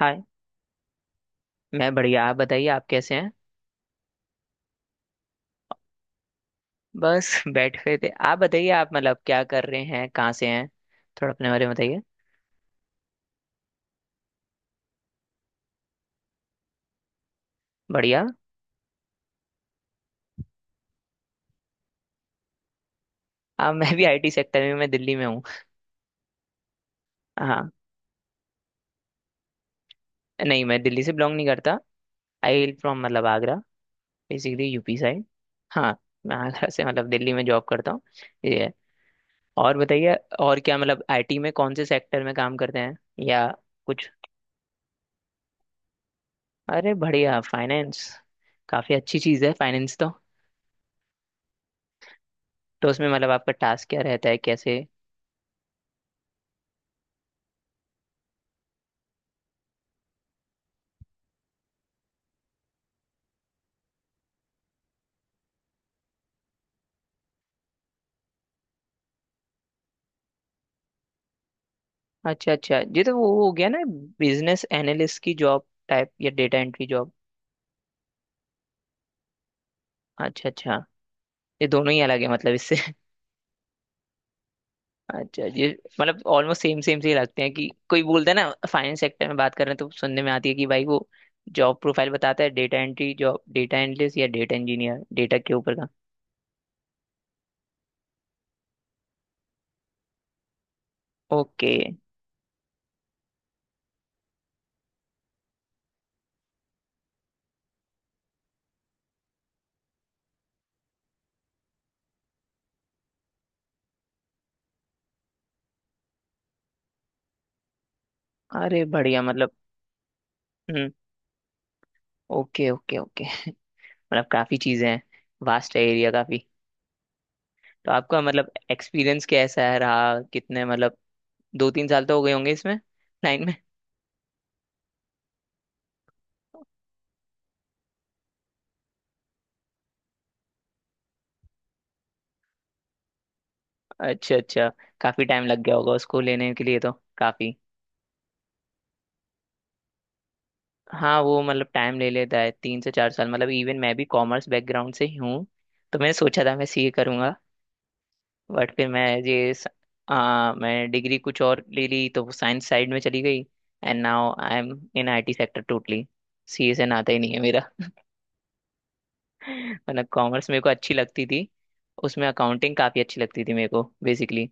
हाय। मैं बढ़िया, आप बताइए आप कैसे हैं? बस बैठ गए थे। आप बताइए, आप मतलब क्या कर रहे हैं, कहाँ से हैं? थोड़ा अपने बारे में बताइए। बढ़िया। आप मैं भी आईटी सेक्टर में। मैं दिल्ली में हूँ। हाँ। नहीं, मैं दिल्ली से बिलोंग नहीं करता। आई विल फ्रॉम मतलब आगरा। Basically UP side. हाँ। मैं आगरा से, मतलब दिल्ली में जॉब करता हूँ। ये है। और बताइए। और क्या, मतलब आईटी में कौन से सेक्टर में काम करते हैं, या कुछ? अरे बढ़िया, फाइनेंस। काफ़ी अच्छी चीज़ है फाइनेंस तो। तो उसमें मतलब आपका टास्क क्या रहता है, कैसे? अच्छा अच्छा, ये तो वो हो गया ना, बिजनेस एनालिस्ट की जॉब टाइप या डेटा एंट्री जॉब। अच्छा अच्छा। ये दोनों ही अलग है मतलब इससे अच्छा, ये मतलब ऑलमोस्ट सेम सेम से ही लगते हैं कि कोई बोलता है ना फाइनेंस सेक्टर में बात कर रहे हैं तो सुनने में आती है कि भाई वो जॉब प्रोफाइल बताता है data entry job, data analyst या डेटा इंजीनियर, डेटा के ऊपर का। ओके। अरे बढ़िया मतलब। हम्म। Okay okay okay. मतलब काफी चीजें हैं, वास्ट है एरिया काफी। तो आपका मतलब एक्सपीरियंस कैसा है रहा, कितने मतलब दो तीन साल तो हो गए होंगे इसमें, लाइन में। अच्छा अच्छा। काफी टाइम लग गया होगा उसको लेने के लिए तो, काफी। हाँ, वो मतलब टाइम ले लेता है 3 से 4 साल, मतलब इवन मैं भी कॉमर्स बैकग्राउंड से ही हूँ। तो मैंने सोचा था मैं सीए करूंगा। बट फिर मैं ये स- आ, मैं डिग्री कुछ और ले ली, तो वो साइंस साइड में चली गई। And now I am in IT sector totally. CA से नाता ही नहीं है मेरा मतलब कॉमर्स मेरे को अच्छी लगती थी। उसमें अकाउंटिंग काफी अच्छी लगती थी मेरे को बेसिकली।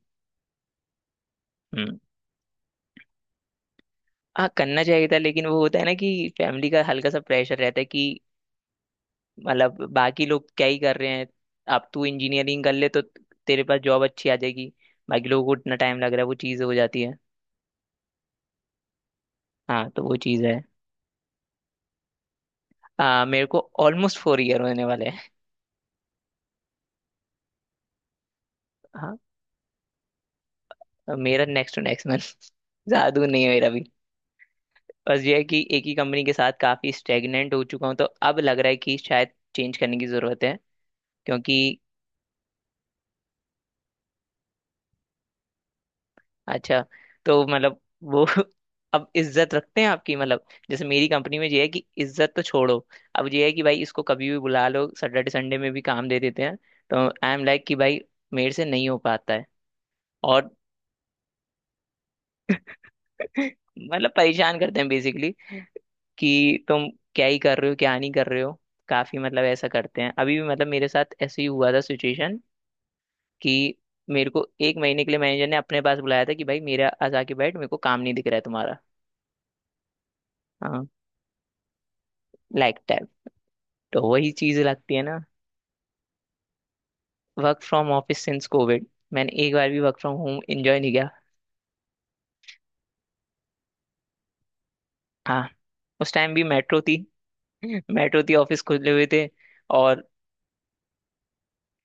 हाँ, करना चाहिए था, लेकिन वो होता है ना कि फैमिली का हल्का सा प्रेशर रहता है कि मतलब बाकी लोग क्या ही कर रहे हैं, अब तू इंजीनियरिंग कर ले तो तेरे पास जॉब अच्छी आ जाएगी, बाकी लोगों को इतना टाइम लग रहा है, वो चीज़ हो जाती है। हाँ, तो वो चीज़ है। मेरे को ऑलमोस्ट 4 ईयर होने वाले हैं। हाँ, और मेरा नेक्स्ट टू नेक्स्ट मंथ ज़्यादा दूर नहीं है मेरा भी। बस ये है कि एक ही कंपनी के साथ काफ़ी स्टेगनेंट हो चुका हूँ, तो अब लग रहा है कि शायद चेंज करने की ज़रूरत है क्योंकि। अच्छा। तो मतलब वो अब इज्जत रखते हैं आपकी, मतलब जैसे मेरी कंपनी में ये है कि इज्जत तो छोड़ो, अब ये है कि भाई इसको कभी भी बुला लो, सैटरडे संडे में भी काम दे देते हैं। तो आई एम लाइक कि भाई, मेरे से नहीं हो पाता है और। मतलब परेशान करते हैं बेसिकली कि तुम क्या ही कर रहे हो, क्या नहीं कर रहे हो। काफी मतलब ऐसा करते हैं अभी भी, मतलब मेरे साथ ऐसे ही हुआ था सिचुएशन कि मेरे को 1 महीने के लिए मैनेजर ने अपने पास बुलाया था कि भाई मेरा आज आके बैठ, मेरे को काम नहीं दिख रहा है तुम्हारा। हाँ। लाइक। तो वही चीज लगती है ना। Work from office since Covid. मैंने एक बार भी वर्क फ्रॉम होम एंजॉय नहीं किया। हाँ, उस टाइम भी मेट्रो थी। मेट्रो थी, ऑफिस खुले हुए थे और।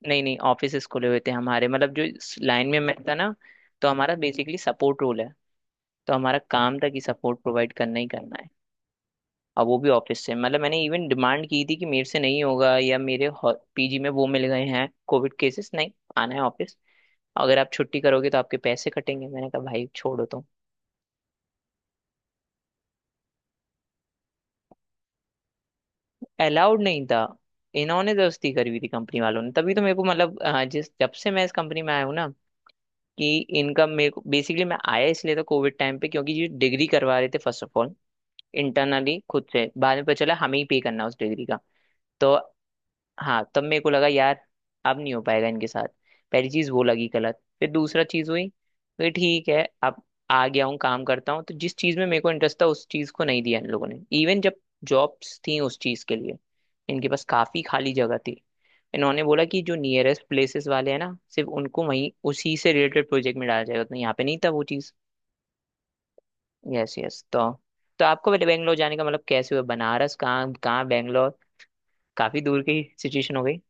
नहीं नहीं, ऑफिसेस खुले हुए थे हमारे, मतलब जो लाइन में मैं था ना, तो हमारा बेसिकली सपोर्ट रोल है। तो हमारा काम था कि सपोर्ट प्रोवाइड करना ही करना है और। वो भी ऑफिस से, मतलब मैंने इवन डिमांड की थी कि मेरे से नहीं होगा, या मेरे पीजी में वो मिल गए हैं कोविड केसेस, नहीं आना है ऑफिस। अगर आप छुट्टी करोगे तो आपके पैसे कटेंगे, मैंने कहा भाई छोड़ो। अलाउड नहीं था। इन्होंने दोस्ती करी हुई थी कंपनी वालों ने, तभी तो मेरे को मतलब जिस जब से मैं इस कंपनी में आया हूँ ना, कि इनका मेरे को बेसिकली, मैं आया इसलिए था कोविड टाइम पे क्योंकि ये डिग्री करवा रहे थे फर्स्ट ऑफ ऑल। इंटरनली खुद से बाद में पता चला हमें ही पे करना है उस डिग्री का। तो हाँ, तब मेरे को लगा यार, अब नहीं हो पाएगा इनके साथ। पहली चीज वो लगी गलत, फिर दूसरा चीज हुई, तो ये ठीक है अब आ गया हूँ काम करता हूँ। तो जिस चीज में मेरे को इंटरेस्ट था उस चीज को नहीं दिया इन लोगों ने, इवन जब जॉब्स थी उस चीज के लिए। इनके पास काफी खाली जगह थी, इन्होंने बोला कि जो नियरेस्ट प्लेसेस वाले हैं ना सिर्फ उनको वहीं उसी से रिलेटेड प्रोजेक्ट में डाला जाएगा, तो यहाँ पे नहीं था वो चीज। यस यस, तो। तो आपको पहले बैंगलोर जाने का मतलब कैसे हुआ, बनारस कहाँ, कहाँ बैंगलोर? काफी दूर की सिचुएशन हो गई।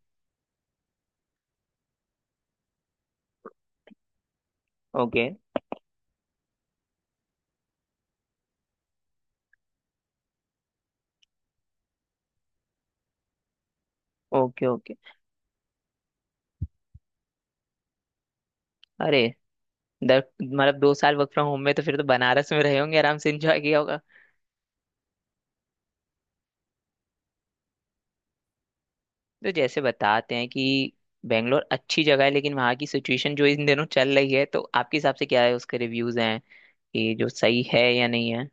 Okay okay okay. अरे दर मतलब 2 साल वर्क फ्रॉम होम में तो फिर तो बनारस में रहे होंगे, आराम से एंजॉय किया होगा। तो जैसे बताते हैं कि बेंगलोर अच्छी जगह है लेकिन वहाँ की सिचुएशन जो इन दिनों चल रही है, तो आपके हिसाब से क्या है उसके रिव्यूज हैं, कि जो सही है या नहीं है।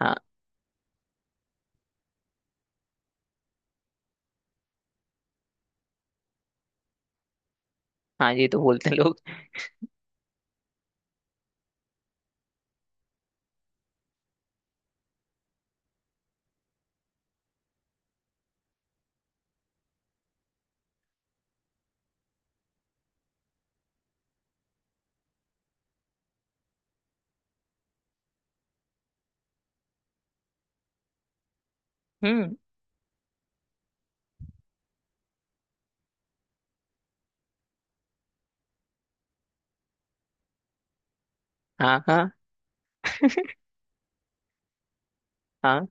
हाँ हाँ, ये तो बोलते हैं लोग। हम्म। हाँ हाँ हाँ,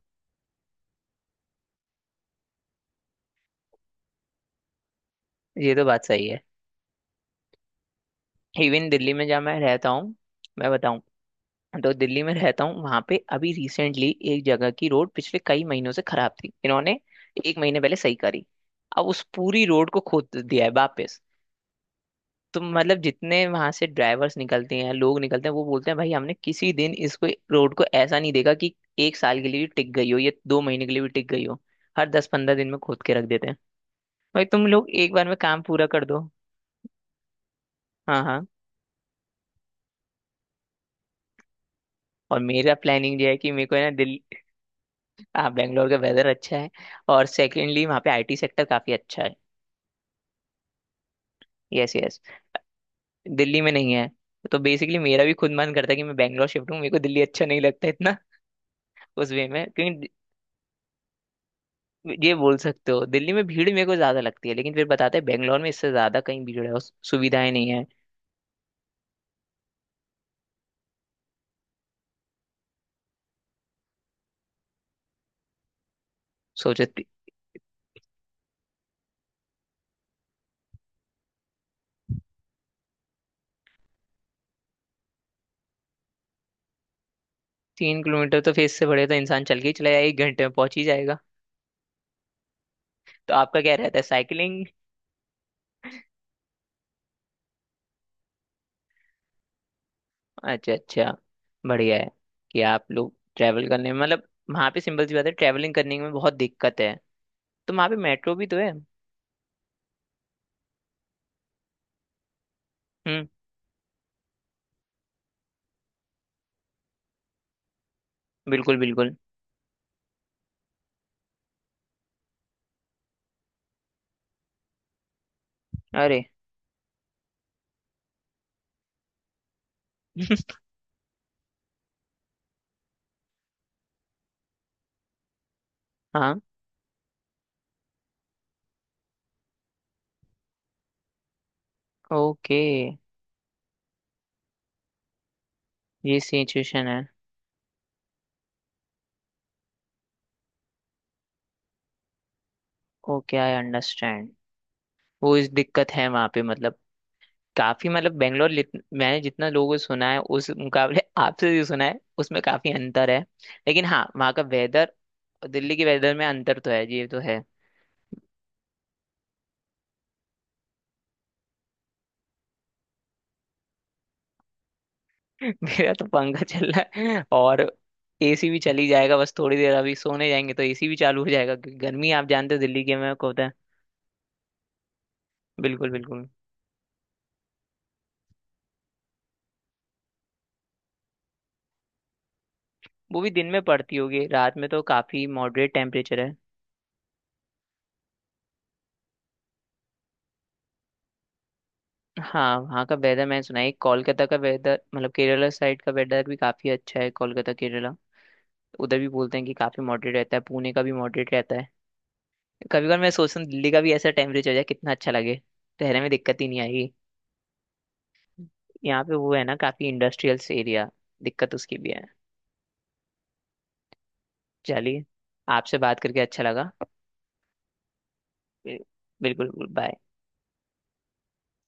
ये तो बात सही है। इवन दिल्ली में जहाँ मैं रहता हूँ, मैं बताऊँ। तो दिल्ली में रहता हूँ वहां पे, अभी रिसेंटली एक जगह की रोड पिछले कई महीनों से खराब थी, इन्होंने 1 महीने पहले सही करी। अब उस पूरी रोड को खोद दिया है वापस। तो मतलब जितने वहां से ड्राइवर्स निकलते हैं, लोग निकलते हैं, वो बोलते हैं भाई हमने किसी दिन इसको रोड को ऐसा नहीं देखा कि 1 साल के लिए भी टिक गई हो या 2 महीने के लिए भी टिक गई हो। हर 10-15 दिन में खोद के रख देते हैं। भाई, तुम लोग एक बार में काम पूरा कर दो। हाँ हाँ, और मेरा प्लानिंग ये है कि मेरे को है ना दिल। हाँ, बेंगलोर का वेदर अच्छा है और सेकेंडली वहाँ पे आईटी सेक्टर काफी अच्छा है। Yes yes. दिल्ली में नहीं है। तो बेसिकली मेरा भी खुद मन करता है कि मैं बेंगलोर शिफ्ट हूँ, मेरे को दिल्ली अच्छा नहीं लगता इतना उस वे में, क्योंकि दि-। ये बोल सकते हो दिल्ली में भीड़ मेरे को ज्यादा लगती है, लेकिन फिर बताते हैं बेंगलोर में इससे ज्यादा कहीं भीड़ है और सुविधाएं नहीं है। सोचो 3 किलोमीटर तो फेस से बढ़े तो इंसान चल के ही चला जाए, 1 घंटे में पहुंच ही जाएगा। तो आपका क्या रहता है, साइकिलिंग? अच्छा अच्छा, बढ़िया है कि आप लोग ट्रैवल करने में, मतलब वहाँ पे सिंपल सी बात है ट्रैवलिंग करने में बहुत दिक्कत है, तो वहाँ पे मेट्रो भी तो है। हम्म। बिल्कुल बिल्कुल। अरे हाँ। ओके। ये सिचुएशन है। Okay, I understand. वो इस दिक्कत है वहाँ पे मतलब, काफी मतलब बेंगलोर मैंने जितना लोगों से सुना है उस मुकाबले आपसे जो सुना है उसमें काफी अंतर है। लेकिन हाँ वहाँ का वेदर, दिल्ली के वेदर में अंतर तो है, ये तो है। मेरा तो पंखा चल रहा है और एसी भी चली जाएगा बस थोड़ी देर, अभी सोने जाएंगे तो एसी भी चालू हो जाएगा क्योंकि गर्मी आप जानते हो दिल्ली के में को होता है। बिल्कुल बिल्कुल। वो भी दिन में पड़ती होगी, रात में तो काफी मॉडरेट टेम्परेचर है। हाँ, वहाँ का वेदर मैंने सुना है, कोलकाता का वेदर मतलब केरला साइड का वेदर भी काफी अच्छा है, कोलकाता केरला उधर भी बोलते हैं कि काफी मॉडरेट रहता है, पुणे का भी मॉडरेट रहता है। कभी कभी मैं सोचता हूँ दिल्ली का भी ऐसा टेम्परेचर हो जाए कितना अच्छा लगे, ठहरने में दिक्कत ही नहीं आएगी। यहाँ पे वो है ना, काफी इंडस्ट्रियल एरिया, दिक्कत उसकी भी है। चलिए, आपसे बात करके अच्छा लगा। बिल्कुल बिल्कुल, बाय।